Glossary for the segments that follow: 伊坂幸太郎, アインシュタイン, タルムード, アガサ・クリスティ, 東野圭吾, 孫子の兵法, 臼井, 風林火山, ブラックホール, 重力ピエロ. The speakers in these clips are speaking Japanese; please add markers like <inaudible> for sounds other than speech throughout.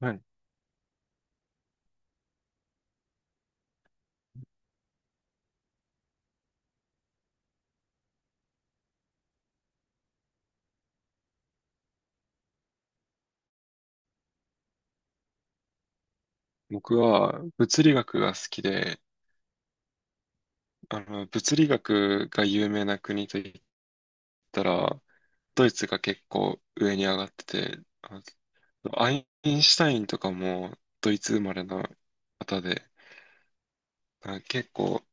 はい。僕は物理学が好きで、物理学が有名な国といったら、ドイツが結構上に上がってて、アインシュタインとかもドイツ生まれの方で、結構、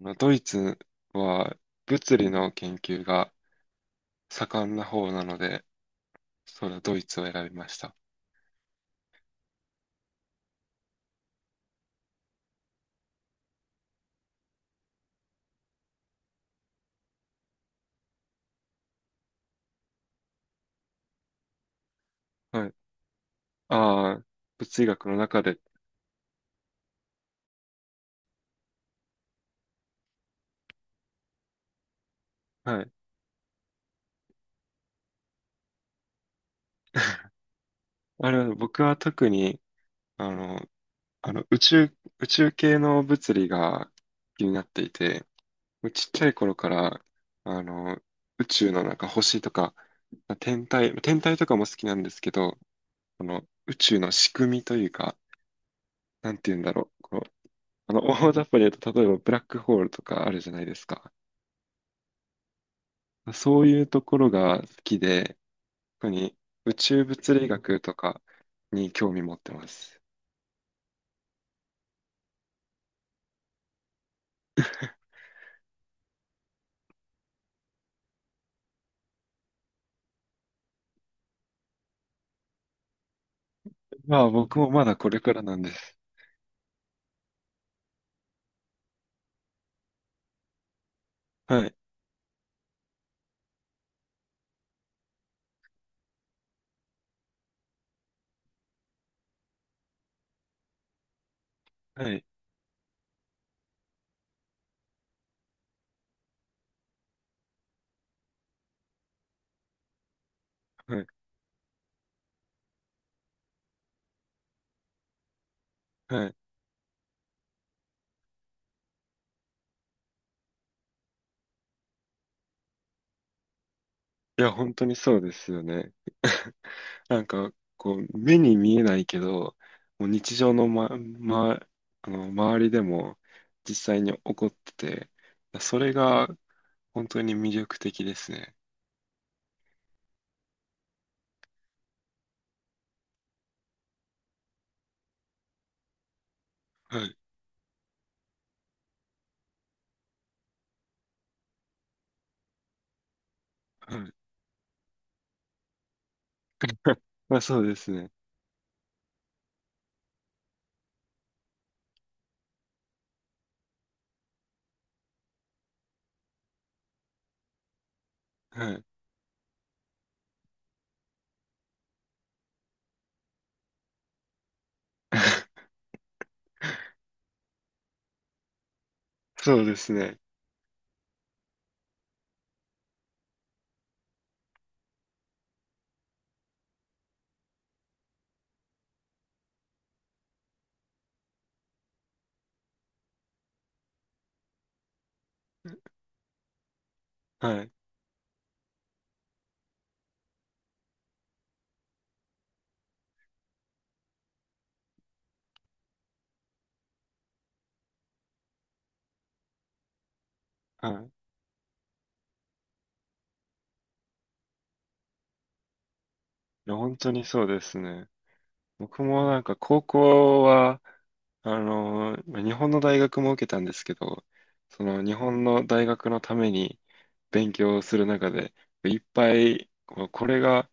ドイツは物理の研究が盛んな方なので、それはドイツを選びました。はい。ああ、物理学の中で。はい。あれは、僕は特に、あの、宇宙系の物理が気になっていて、ちっちゃい頃から、あの、宇宙のなんか星とか、天体とかも好きなんですけど、この宇宙の仕組みというか、なんて言うんだろう。こう、大雑把に言うと、例えばブラックホールとかあるじゃないですか。そういうところが好きで、特に宇宙物理学とかに興味持ってます。まあ僕もまだこれからなんです。はい、はい、はい、はい。いや、本当にそうですよね。なんか、こう、目に見えないけど、もう日常の、周りでも実際に起こってて、それが本当に魅力的ですね。はい、はい。<laughs> まあそうですね。はい。<laughs> そうですね。はい。はい。いや、本当にそうですね。僕もなんか高校は、まあ日本の大学も受けたんですけど、その日本の大学のために勉強する中で、いっぱい、こうこれが、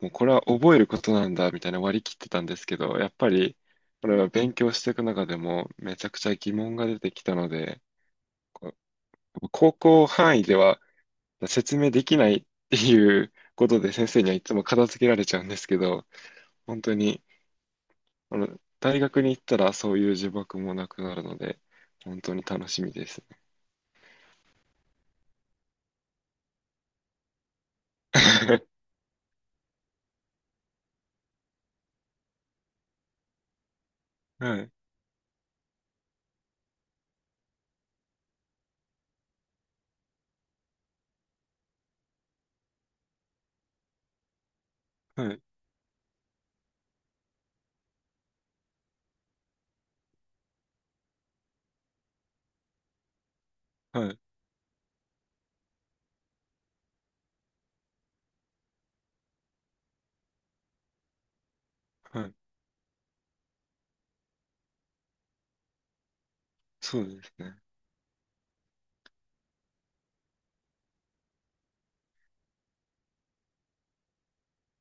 もうこれは覚えることなんだみたいな割り切ってたんですけど、やっぱり、これは勉強していく中でもめちゃくちゃ疑問が出てきたので、こう高校範囲では、説明できないっていうことで先生にはいつも片付けられちゃうんですけど、本当に、あの、大学に行ったらそういう呪縛もなくなるので、本当に楽しみです。<laughs> はい、はい、はい、はい、そうですね。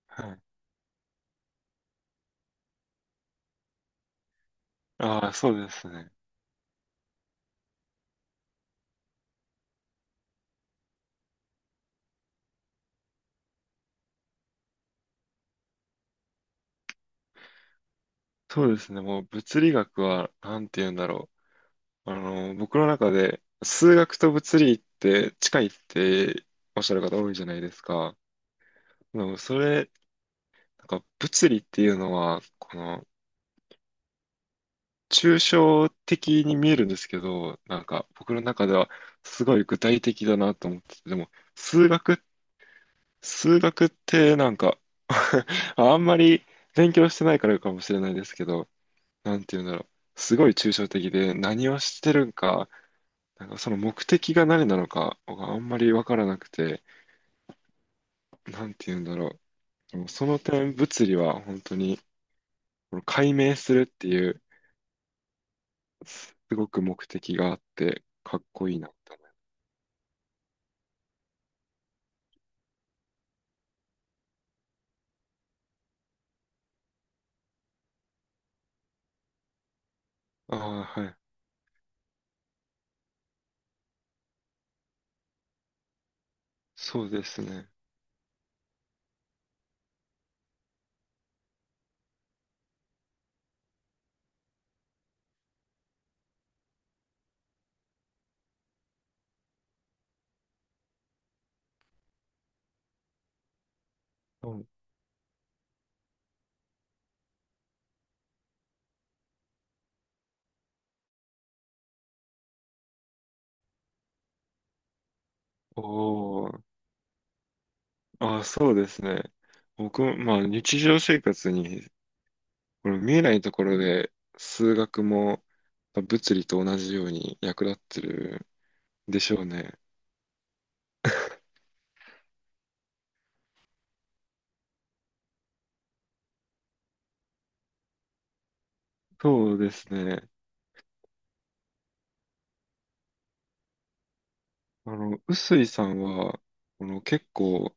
はい。ああ、そうですね。そうですね。もう物理学は、なんて言うんだろう。僕の中で、数学と物理って近いっておっしゃる方多いじゃないですか。でもそれ、なんか物理っていうのは、この、抽象的に見えるんですけど、なんか僕の中ではすごい具体的だなと思ってて、でも数学、数学ってなんか <laughs> あんまり勉強してないからかもしれないですけど、なんて言うんだろう。すごい抽象的で何をしてるんか、なんかその目的が何なのかがあんまりわからなくて、なんて言うんだろう。でもその点物理は本当にこの解明するっていうすごく目的があってかっこいいなって思います。ああ、はい。そうですね。うん、おー、あ、そうですね。僕も、まあ、日常生活に、この見えないところで、数学も、まあ物理と同じように役立ってるでしょうね。そうですね。臼井さんは、この結構、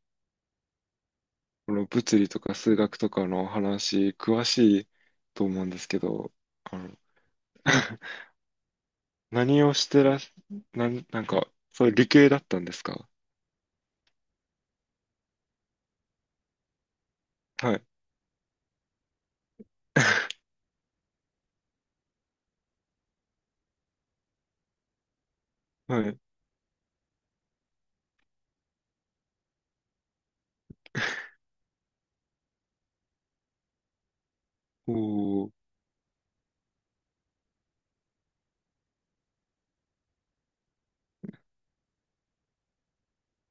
この物理とか数学とかの話、詳しいと思うんですけど、あの、<laughs> 何をしてらっ、なんか、それ理系だったんですか？はい。<laughs> はい。おー、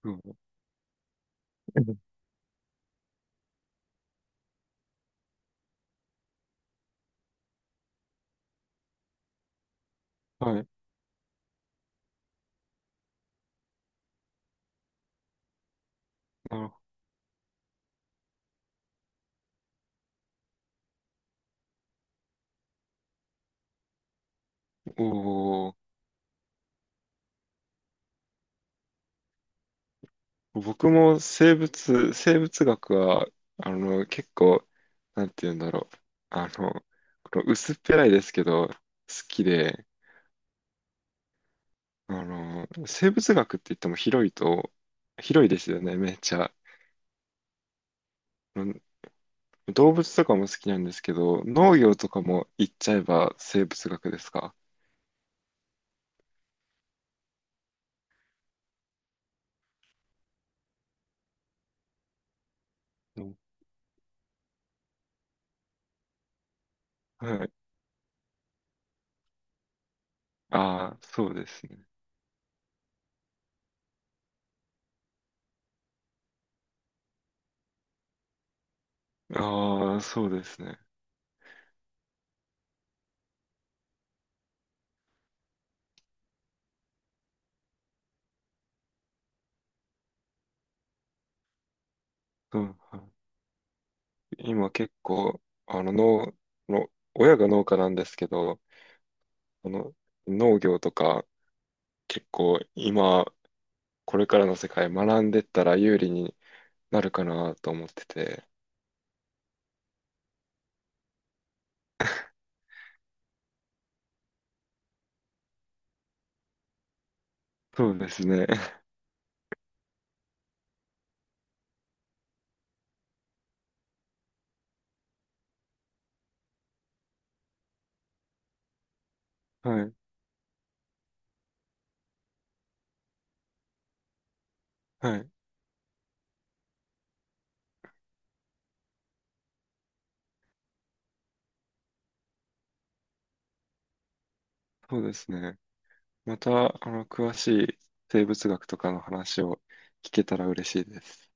うん、はい。なるほど。おー、僕も生物学は、結構、なんて言うんだろう。あの、この薄っぺらいですけど、好きで、生物学って言っても広いと、広いですよね、めっちゃ。うん、動物とかも好きなんですけど、農業とかも言っちゃえば生物学ですか？うん、はい。ああ、そうですね。ああ、そうですね。うん、今結構、あの、農、の、親が農家なんですけど、あの、農業とか結構今、これからの世界学んでったら有利になるかなと思ってて。そうですね。<laughs> はい。はい。そうですね。また、詳しい生物学とかの話を聞けたら嬉しいです。